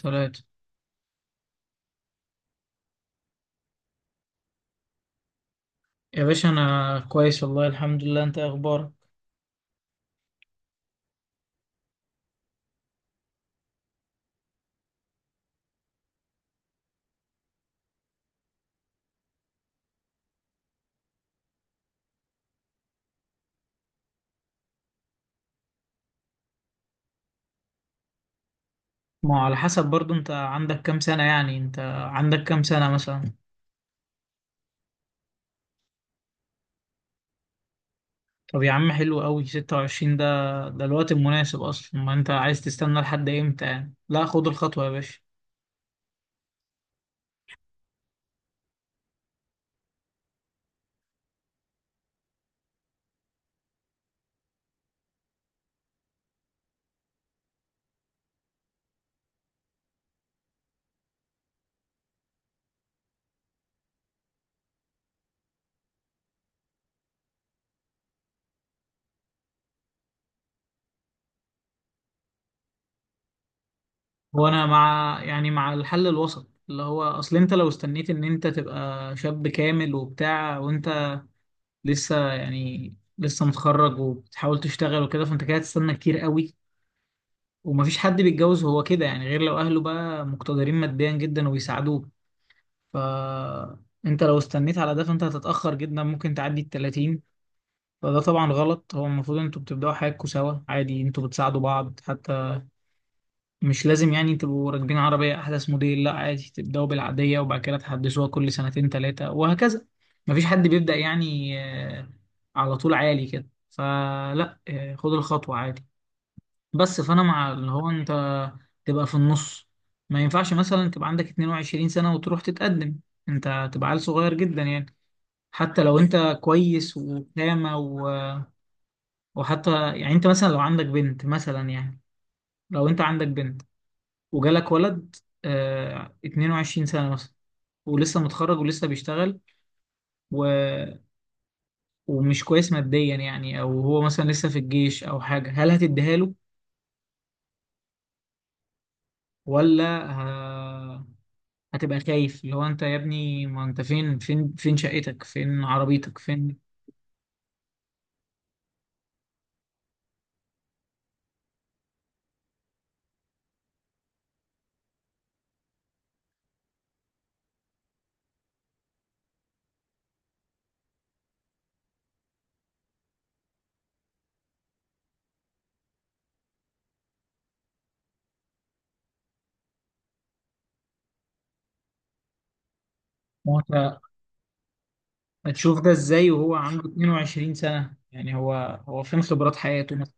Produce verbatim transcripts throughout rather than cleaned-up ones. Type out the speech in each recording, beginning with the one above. ثلاثة. يا باشا أنا كويس والله، الحمد لله. أنت إيه أخبارك؟ ما هو على حسب برضو. أنت عندك كام سنة يعني؟ أنت عندك كام سنة مثلا؟ طب يا عم حلو قوي. ستة وعشرين ده ده الوقت المناسب أصلا. ما أنت عايز تستنى لحد إمتى يعني؟ لا، خد الخطوة يا باشا. وأنا مع، يعني، مع الحل الوسط اللي هو أصل أنت لو استنيت إن أنت تبقى شاب كامل وبتاع، وأنت لسه، يعني، لسه متخرج وبتحاول تشتغل وكده، فأنت كده هتستنى كتير قوي. ومفيش حد بيتجوز هو كده يعني، غير لو اهله بقى مقتدرين ماديا جدا وبيساعدوه. فانت لو استنيت على ده فانت هتتأخر جدا، ممكن تعدي ال تلاتين. فده طبعا غلط، هو المفروض انتوا بتبدأوا حياتكم سوا عادي، انتوا بتساعدوا بعض حتى. مش لازم يعني تبقوا راكبين عربية احدث موديل، لا عادي تبدأوا بالعادية وبعد كده تحدثوها كل سنتين ثلاثة وهكذا. مفيش حد بيبدأ يعني آه، على طول عالي كده، فلا آه، خد الخطوة عادي. بس فانا مع اللي هو انت تبقى في النص. ما ينفعش مثلا تبقى عندك اتنين وعشرين سنة وتروح تتقدم، انت تبقى عيل صغير جدا يعني. حتى لو انت كويس وقامة و... وحتى يعني، انت مثلا لو عندك بنت مثلا يعني، لو انت عندك بنت وجالك ولد آه اتنين وعشرين سنة مثلا، ولسه متخرج ولسه بيشتغل و... ومش كويس ماديا يعني، او هو مثلا لسه في الجيش او حاجة، هل هتديها له ولا هتبقى خايف؟ اللي هو انت يا ابني، ما انت فين فين؟ فين شقتك؟ فين عربيتك فين؟ ما هو انت هتشوف ده ازاي وهو عنده اتنين وعشرين سنة يعني؟ هو هو فين خبرات حياته مثلا؟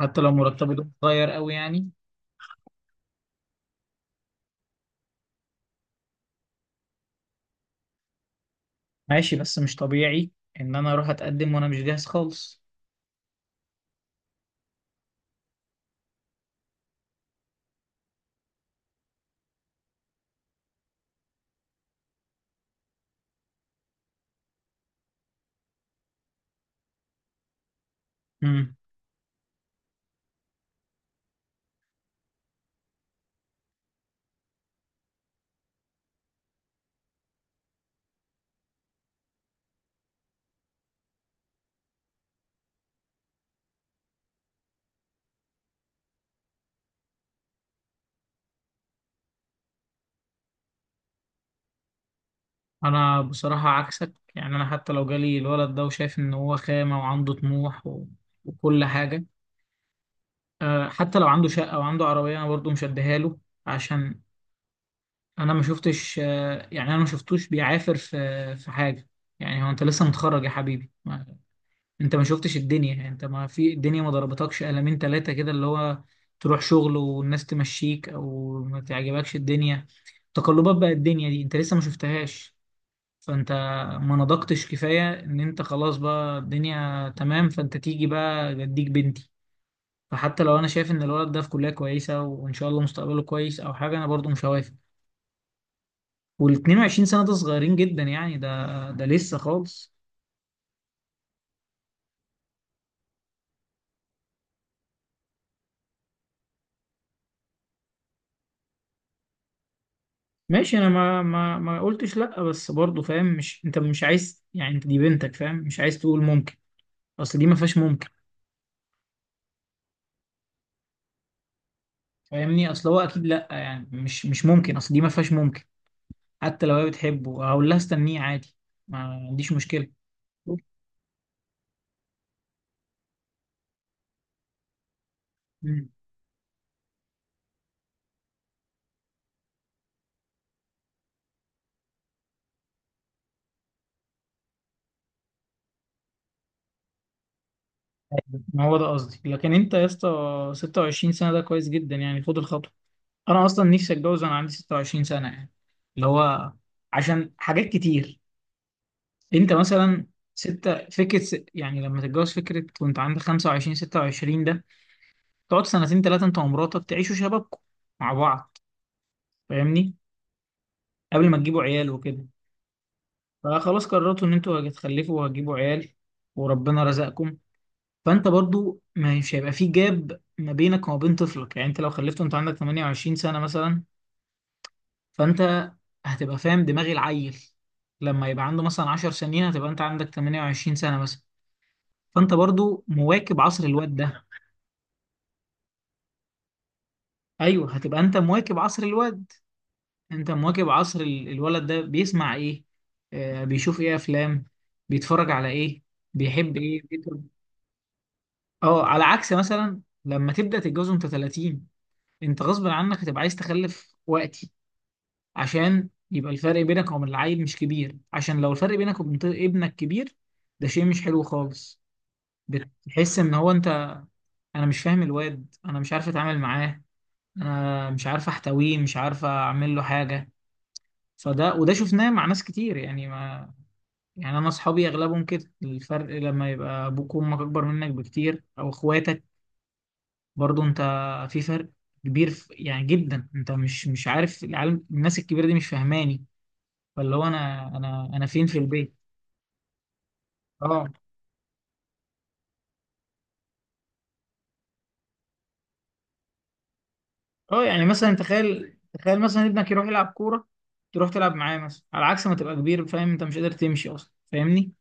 حتى لو مرتبه ده صغير قوي يعني. ماشي، بس مش طبيعي ان انا اروح اتقدم وانا مش جاهز خالص. امم. انا بصراحة عكسك. يعني انا حتى لو جالي الولد ده وشايف ان هو خامة وعنده طموح و... وكل حاجة. أه، حتى لو عنده شقة وعنده عربية انا برضه مش هديها له. عشان انا ما شفتش آه، يعني انا ما شفتوش بيعافر في في حاجه. يعني هو انت لسه متخرج يا حبيبي، ما انت ما شفتش الدنيا. يعني انت ما في الدنيا، ما ضربتكش قلمين ثلاثه كده، اللي هو تروح شغل والناس تمشيك، او ما تعجبكش الدنيا. تقلبات بقى الدنيا دي انت لسه ما شفتهاش. فانت ما نضجتش كفايه ان انت خلاص بقى الدنيا تمام، فانت تيجي بقى جديك بنتي. فحتى لو انا شايف ان الولد ده في كليه كويسه وان شاء الله مستقبله كويس او حاجه، انا برضو مش هوافق. وال اتنين وعشرين سنة ده صغيرين جدا يعني، ده ده لسه خالص. ماشي، انا ما ما ما قلتش لا، بس برضه فاهم. مش انت مش عايز يعني، انت دي بنتك فاهم، مش عايز تقول ممكن، اصل دي ما فيهاش ممكن. فاهمني، اصل هو اكيد لا يعني، مش مش ممكن، اصل دي ما فيهاش ممكن. حتى لو هي بتحبه هقول لها استنيه عادي، ما عنديش مشكلة. مم. ما هو ده قصدي، لكن انت يا اسطى ستة وعشرين سنة ده كويس جدا يعني، خد الخطوة. انا اصلا نفسي اتجوز وانا عندي ستة وعشرين سنة يعني، اللي هو عشان حاجات كتير. انت مثلا ستة فكرة س- يعني لما تتجوز فكرة وانت عندك خمسة وعشرين ستة وعشرين ده، تقعد سنتين ثلاثة انت ومراتك تعيشوا شبابكم مع بعض، فاهمني، قبل ما تجيبوا عيال وكده. فخلاص قررتوا ان انتوا هتخلفوا وهتجيبوا عيال وربنا رزقكم. فانت برضو مش هيبقى في جاب ما بينك وما بين طفلك يعني. انت لو خلفته انت عندك ثمانية وعشرين سنة مثلا، فانت هتبقى فاهم دماغ العيل لما يبقى عنده مثلا عشر سنين، هتبقى انت عندك ثمانية وعشرين سنة مثلا، فانت برضو مواكب عصر الواد ده. ايوه هتبقى انت مواكب عصر الواد، انت مواكب عصر ال- الولد ده بيسمع ايه، آه بيشوف ايه افلام، بيتفرج على ايه، بيحب ايه بيكره. اه، على عكس مثلا لما تبدا تتجوز وانت تلاتين، انت غصب عنك هتبقى عايز تخلف وقتي، عشان يبقى الفرق بينك وبين العيل مش كبير. عشان لو الفرق بينك وبين ط- ابنك كبير، ده شيء مش حلو خالص. بتحس ان هو انت، انا مش فاهم الواد، انا مش عارف اتعامل معاه، انا مش عارف احتويه، مش عارف اعمل له حاجه. فده وده شفناه مع ناس كتير يعني، ما يعني، انا اصحابي اغلبهم كده. الفرق لما يبقى ابوك وامك اكبر منك بكتير او اخواتك، برضو انت في فرق كبير في يعني جدا، انت مش مش عارف العالم. الناس الكبيره دي مش فاهماني، فاللي هو انا انا انا فين في البيت؟ اه. اه، يعني مثلا، تخيل تخيل مثلا ابنك يروح يلعب كوره تروح تلعب معاه، مثلا على عكس ما تبقى كبير فاهم انت مش قادر تمشي اصلا، فاهمني.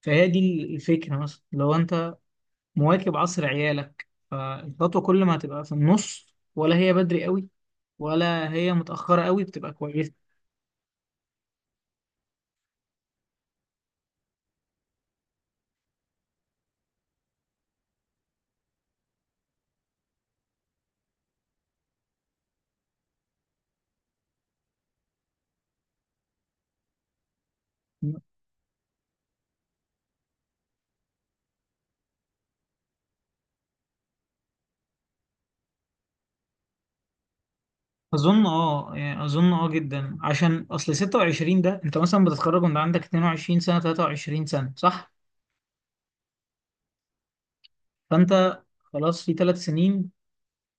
فهي دي الفكره مثلا لو انت مواكب عصر عيالك فالخطوة كل ما هتبقى في النص، ولا هي بدري قوي ولا هي متأخرة قوي، بتبقى كويسة. أظن أه يعني أظن أه جدا، عشان أصل ستة وعشرين ده أنت مثلا بتتخرج وأنت عندك اتنين وعشرين سنة تلاتة وعشرين سنة صح؟ فأنت خلاص في ثلاث سنين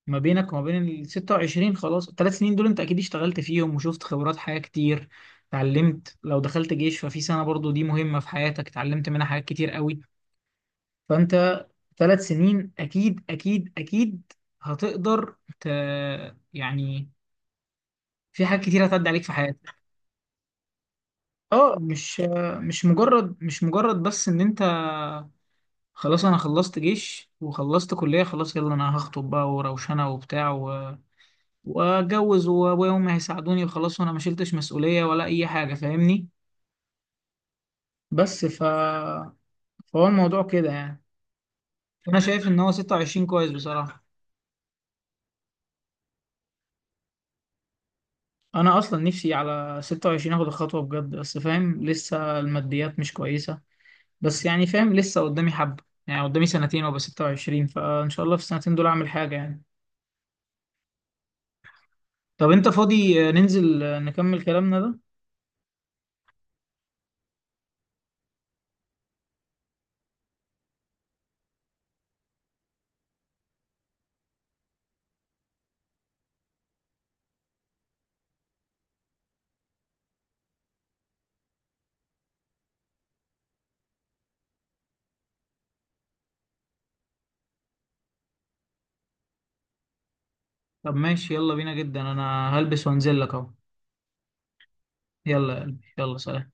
ما بينك وما بين ال ستة وعشرين، خلاص الثلاث سنين دول أنت أكيد اشتغلت فيهم وشفت خبرات حياة كتير، اتعلمت. لو دخلت جيش ففي سنة برضو دي مهمة في حياتك، اتعلمت منها حاجات كتير قوي. فأنت ثلاث سنين اكيد اكيد اكيد هتقدر ت... يعني، في حاجات كتير هتعدي عليك في حياتك. اه، مش مش مجرد مش مجرد بس ان انت خلاص انا خلصت جيش وخلصت كلية، خلاص يلا انا هخطب بقى وروشنة وبتاع و... واتجوز، وابويا وامي هيساعدوني وخلاص، وانا ما شلتش مسؤولية ولا اي حاجة فاهمني. بس ف فهو الموضوع كده يعني. انا شايف ان هو ستة وعشرين كويس بصراحة. انا اصلا نفسي على ستة وعشرين اخد الخطوه بجد، بس فاهم لسه الماديات مش كويسه، بس يعني فاهم لسه قدامي حبه يعني، قدامي سنتين وابقى ستة وعشرين، فان شاء الله في السنتين دول اعمل حاجه يعني. طب انت فاضي آه، ننزل آه، نكمل كلامنا ده. طب ماشي، يلا بينا جدا، انا هلبس وانزل لك اهو. يلا يا قلبي، يلا سلام.